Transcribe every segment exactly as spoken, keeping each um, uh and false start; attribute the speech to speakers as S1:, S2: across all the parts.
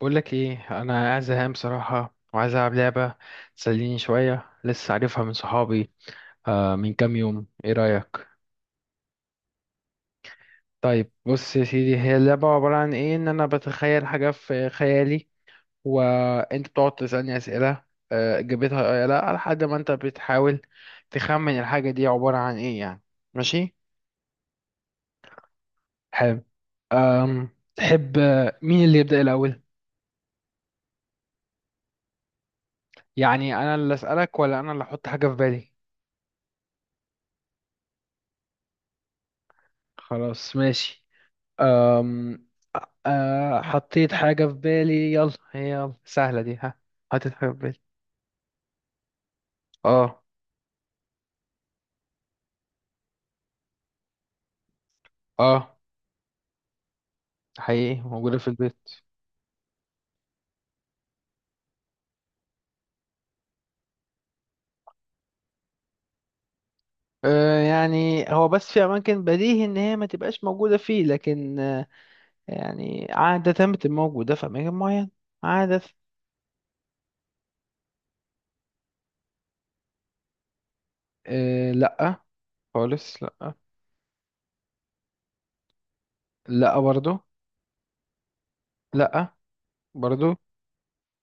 S1: بقول لك ايه، انا قاعد زهقان بصراحه وعايز العب لعبه تسليني شويه. لسه عارفها من صحابي آه من كام يوم. ايه رايك؟ طيب بص يا سيدي، هي اللعبه عباره عن ايه؟ ان انا بتخيل حاجه في خيالي وانت بتقعد تسالني اسئله. آه، اجابتها آه يا لا لحد ما انت بتحاول تخمن الحاجه دي عباره عن ايه يعني. ماشي. حلو. أم تحب، آه، مين اللي يبدا الاول؟ يعني انا اللي اسالك ولا انا اللي احط حاجه في بالي؟ خلاص ماشي. آه حطيت حاجة في بالي، يلا هي يلا سهلة دي، ها؟ حطيت حاجة في بالي. اه. اه حقيقي موجودة في البيت. آه يعني هو بس في أماكن بديهي إن هي ما تبقاش موجودة فيه، لكن آه يعني عادة بتبقى موجودة في أماكن معينة، عادة. آه لأ، خالص لأ. لأ برضو. لأ برضو.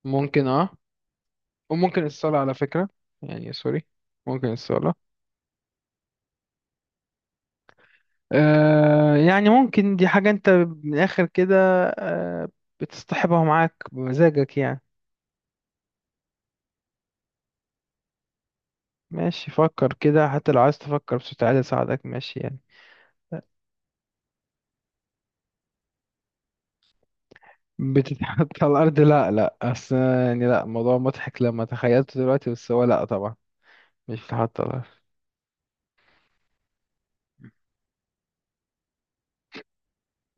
S1: ممكن اه. وممكن الصالة على فكرة، يعني سوري، ممكن الصالة. آه يعني ممكن دي حاجة انت، من الآخر كده، آه بتصطحبها معاك بمزاجك يعني. ماشي، فكر كده، حتى لو عايز تفكر بصوت عالي أساعدك، ماشي يعني. بتتحط على الأرض؟ لا لا، أصل يعني لا الموضوع مضحك لما تخيلته دلوقتي، بس هو لا طبعا مش بتتحط على الأرض.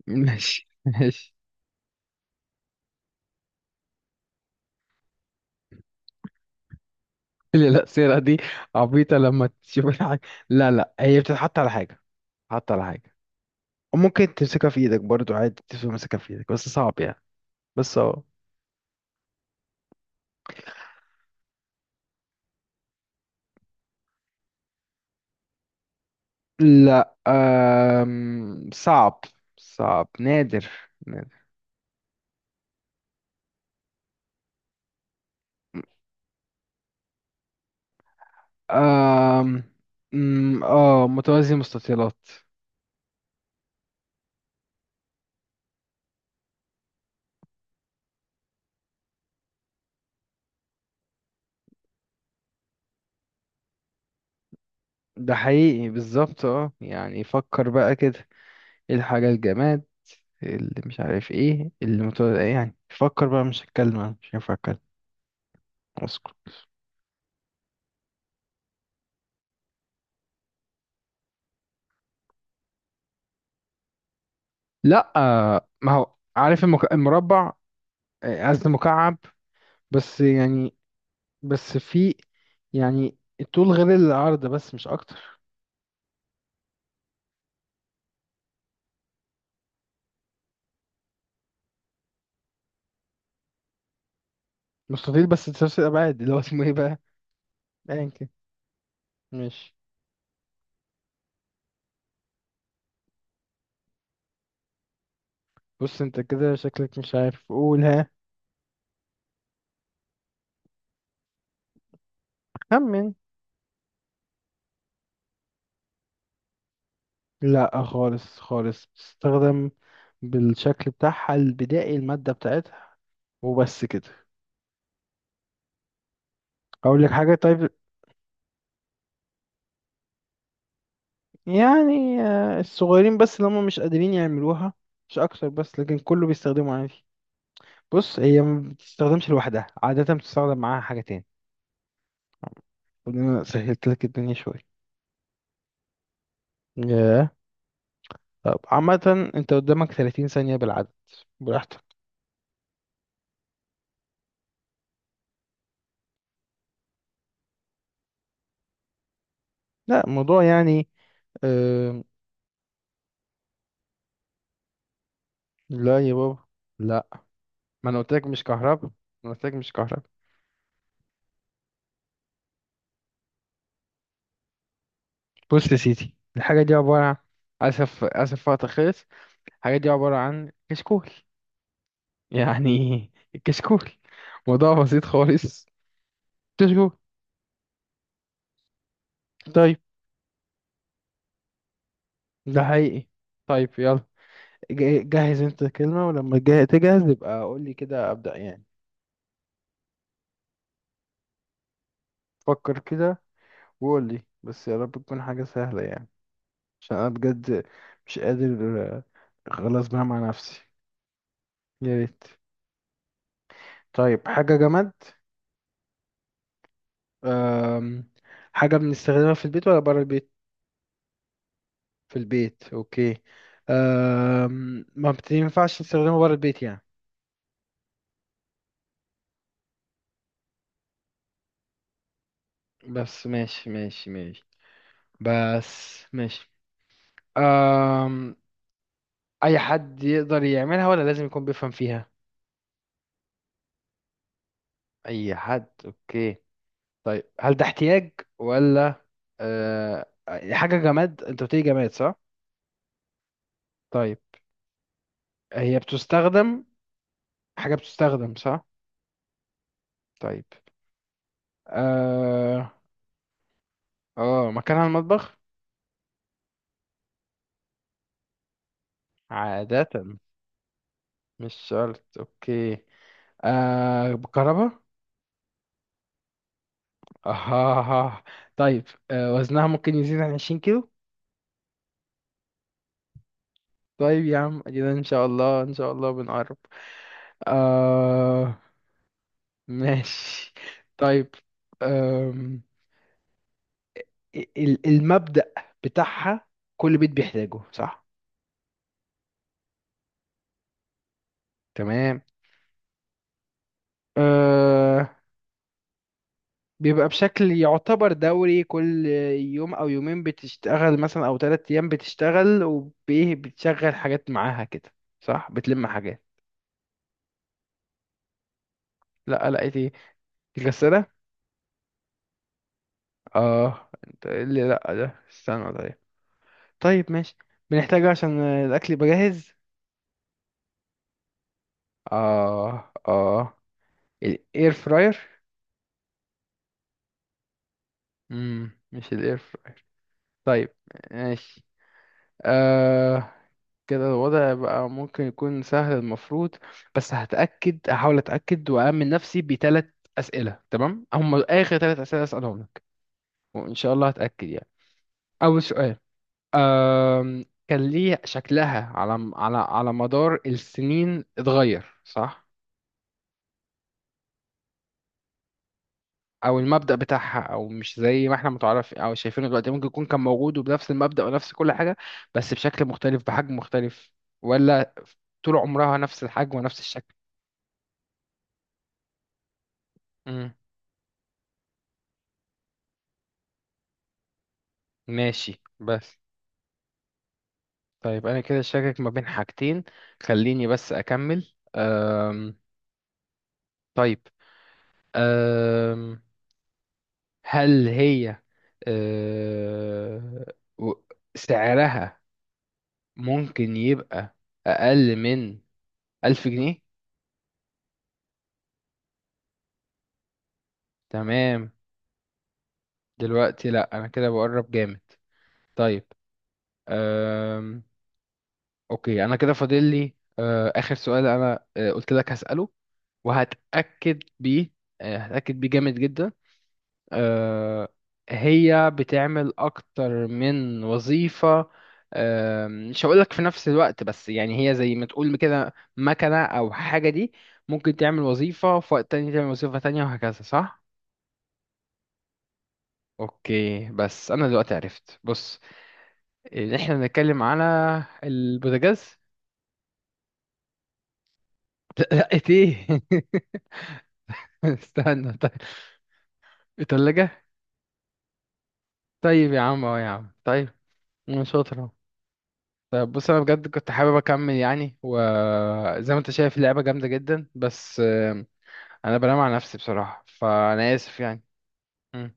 S1: ماشي ماشي. اللي لا سيرة دي، عبيطة لما تشوف الحاجة. لا لا، هي بتتحط على حاجة، بتتحط على حاجة. وممكن تمسكها في ايدك برضو عادي، تمسكها في ايدك بس صعب يعني، بس اهو. لا أم... صعب، صعب نادر. نادر. أم... أم، اه متوازي مستطيلات. ده حقيقي بالظبط. اه يعني فكر بقى كده، ايه الحاجة الجماد اللي مش عارف ايه اللي متوازي يعني. فكر بقى، مش هتكلم، أنا مش هينفع اتكلم، اسكت. لا آه، ما هو عارف المك... المربع، آه، قصدي مكعب، بس يعني بس في يعني الطول غير العرض بس مش اكتر. مستطيل بس تشوش الأبعاد، اللي هو اسمه ايه بقى؟ أيا كان، ماشي. بص انت كده شكلك مش عارف، قولها. خمن. لا خالص خالص، بتستخدم بالشكل بتاعها البدائي، المادة بتاعتها وبس كده. أقول لك حاجة طيب. يعني آه، الصغيرين بس اللي هم مش قادرين يعملوها، مش أكتر، بس لكن كله بيستخدمه عادي. بص، هي ما بتستخدمش لوحدها عادة، بتستخدم معاها حاجة تاني. المفروض إن أنا سهلت لك الدنيا شوية. ياه. طب عامة انت قدامك 30 ثانية بالعدد، براحتك. لا الموضوع يعني اه. لا يا بابا، لا، ما انا قلت لك مش كهرباء. ما انا قلت لك مش كهرباء. بص يا سيدي، الحاجة دي عبارة عن، اسف اسف وقت خلص. الحاجة دي عبارة عن كشكول، يعني كشكول. موضوع بسيط خالص، كشكول. طيب، ده حقيقي. طيب يلا، ج- جهز انت كلمة ولما تجه- تجهز يبقى قول لي كده ابدأ يعني. فكر كده وقول لي، بس يا رب تكون حاجة سهلة يعني، عشان انا بجد مش قادر. آه، خلاص بقى مع نفسي. يا ريت. طيب، حاجة جماد. أم... حاجة بنستخدمها في البيت ولا برا البيت؟ في البيت اوكي. أم... ما بتنفعش نستخدمها برا البيت يعني، بس ماشي ماشي ماشي. بس ماشي. أم... اي حد يقدر يعملها ولا لازم يكون بيفهم فيها؟ اي حد اوكي. طيب، هل ده احتياج ولا أه... حاجة جماد؟ انت بتقولي جماد صح؟ طيب، هي بتستخدم، حاجة بتستخدم صح؟ طيب اه اه، مكانها المطبخ عادة، مش شرط اوكي. آه بكهرباء. اه. طيب، آه وزنها ممكن يزيد عن 20 كيلو؟ طيب يا عم ادينا، ان شاء الله ان شاء الله بنقرب. آه، ماشي. طيب، آم، ال- المبدأ بتاعها كل بيت بيحتاجه صح؟ تمام. آه، بيبقى بشكل يعتبر دوري، كل يوم او يومين بتشتغل مثلا او ثلاث ايام بتشتغل، وبيه بتشغل حاجات معاها كده صح؟ بتلم حاجات؟ لا، لقيت ايه؟ الغسالة. اه انت إيه اللي لا ده، استنى طيب. طيب ماشي. بنحتاجه عشان الاكل يبقى جاهز. اه اه الاير فراير. امم مش الاير فراير. طيب ماشي. آه. كده الوضع بقى ممكن يكون سهل المفروض، بس هتأكد، هحاول أتأكد وأأمن نفسي بثلاث أسئلة. تمام، هم آخر ثلاث أسئلة أسألهم لك، وإن شاء الله هتأكد يعني. أول سؤال، أم... كان ليه شكلها على على على مدار السنين اتغير صح؟ أو المبدأ بتاعها؟ أو مش زي ما احنا متعرف أو شايفينه دلوقتي، ممكن يكون كان موجود وبنفس المبدأ ونفس كل حاجة بس بشكل مختلف بحجم مختلف؟ ولا طول عمرها نفس الحجم ونفس الشكل؟ مم. ماشي بس. طيب انا كده شاكك ما بين حاجتين، خليني بس اكمل. أم... طيب. أم... هل هي أه... و- سعرها ممكن يبقى اقل من الف جنيه؟ تمام. دلوقتي لا، انا كده بقرب جامد. طيب. أم... اوكي انا كده فاضل لي أه... اخر سؤال، انا أه، قلت لك هسأله وهتأكد بيه، أه، هتأكد بيه جامد جدا. آه، هي بتعمل أكتر من وظيفة، آه، مش هقولك في نفس الوقت بس يعني، هي زي ما تقول كده مكنة أو حاجة دي، ممكن تعمل وظيفة في وقت تاني تعمل وظيفة تانية وهكذا صح؟ أوكي، بس أنا دلوقتي عرفت بص، إن إحنا بنتكلم على البوتاجاز. لقيت إيه؟ استنى طيب. التلاجة. طيب يا عم، أه يا عم طيب، أنا شاطر أهو. طيب بص، انا بجد كنت حابب اكمل يعني، وزي ما انت شايف اللعبه جامده جدا، بس آم، انا بنام على نفسي بصراحه فانا اسف يعني. مم.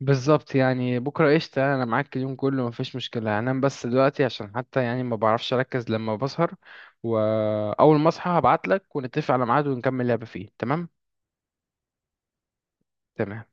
S1: بالظبط يعني، بكره قشطه، انا معاك اليوم كله مفيش مشكله، هنام بس دلوقتي عشان حتى يعني ما بعرفش اركز لما بسهر. واول ما اصحى هبعت لك ونتفق على ميعاد ونكمل لعبه فيه، تمام. تمام.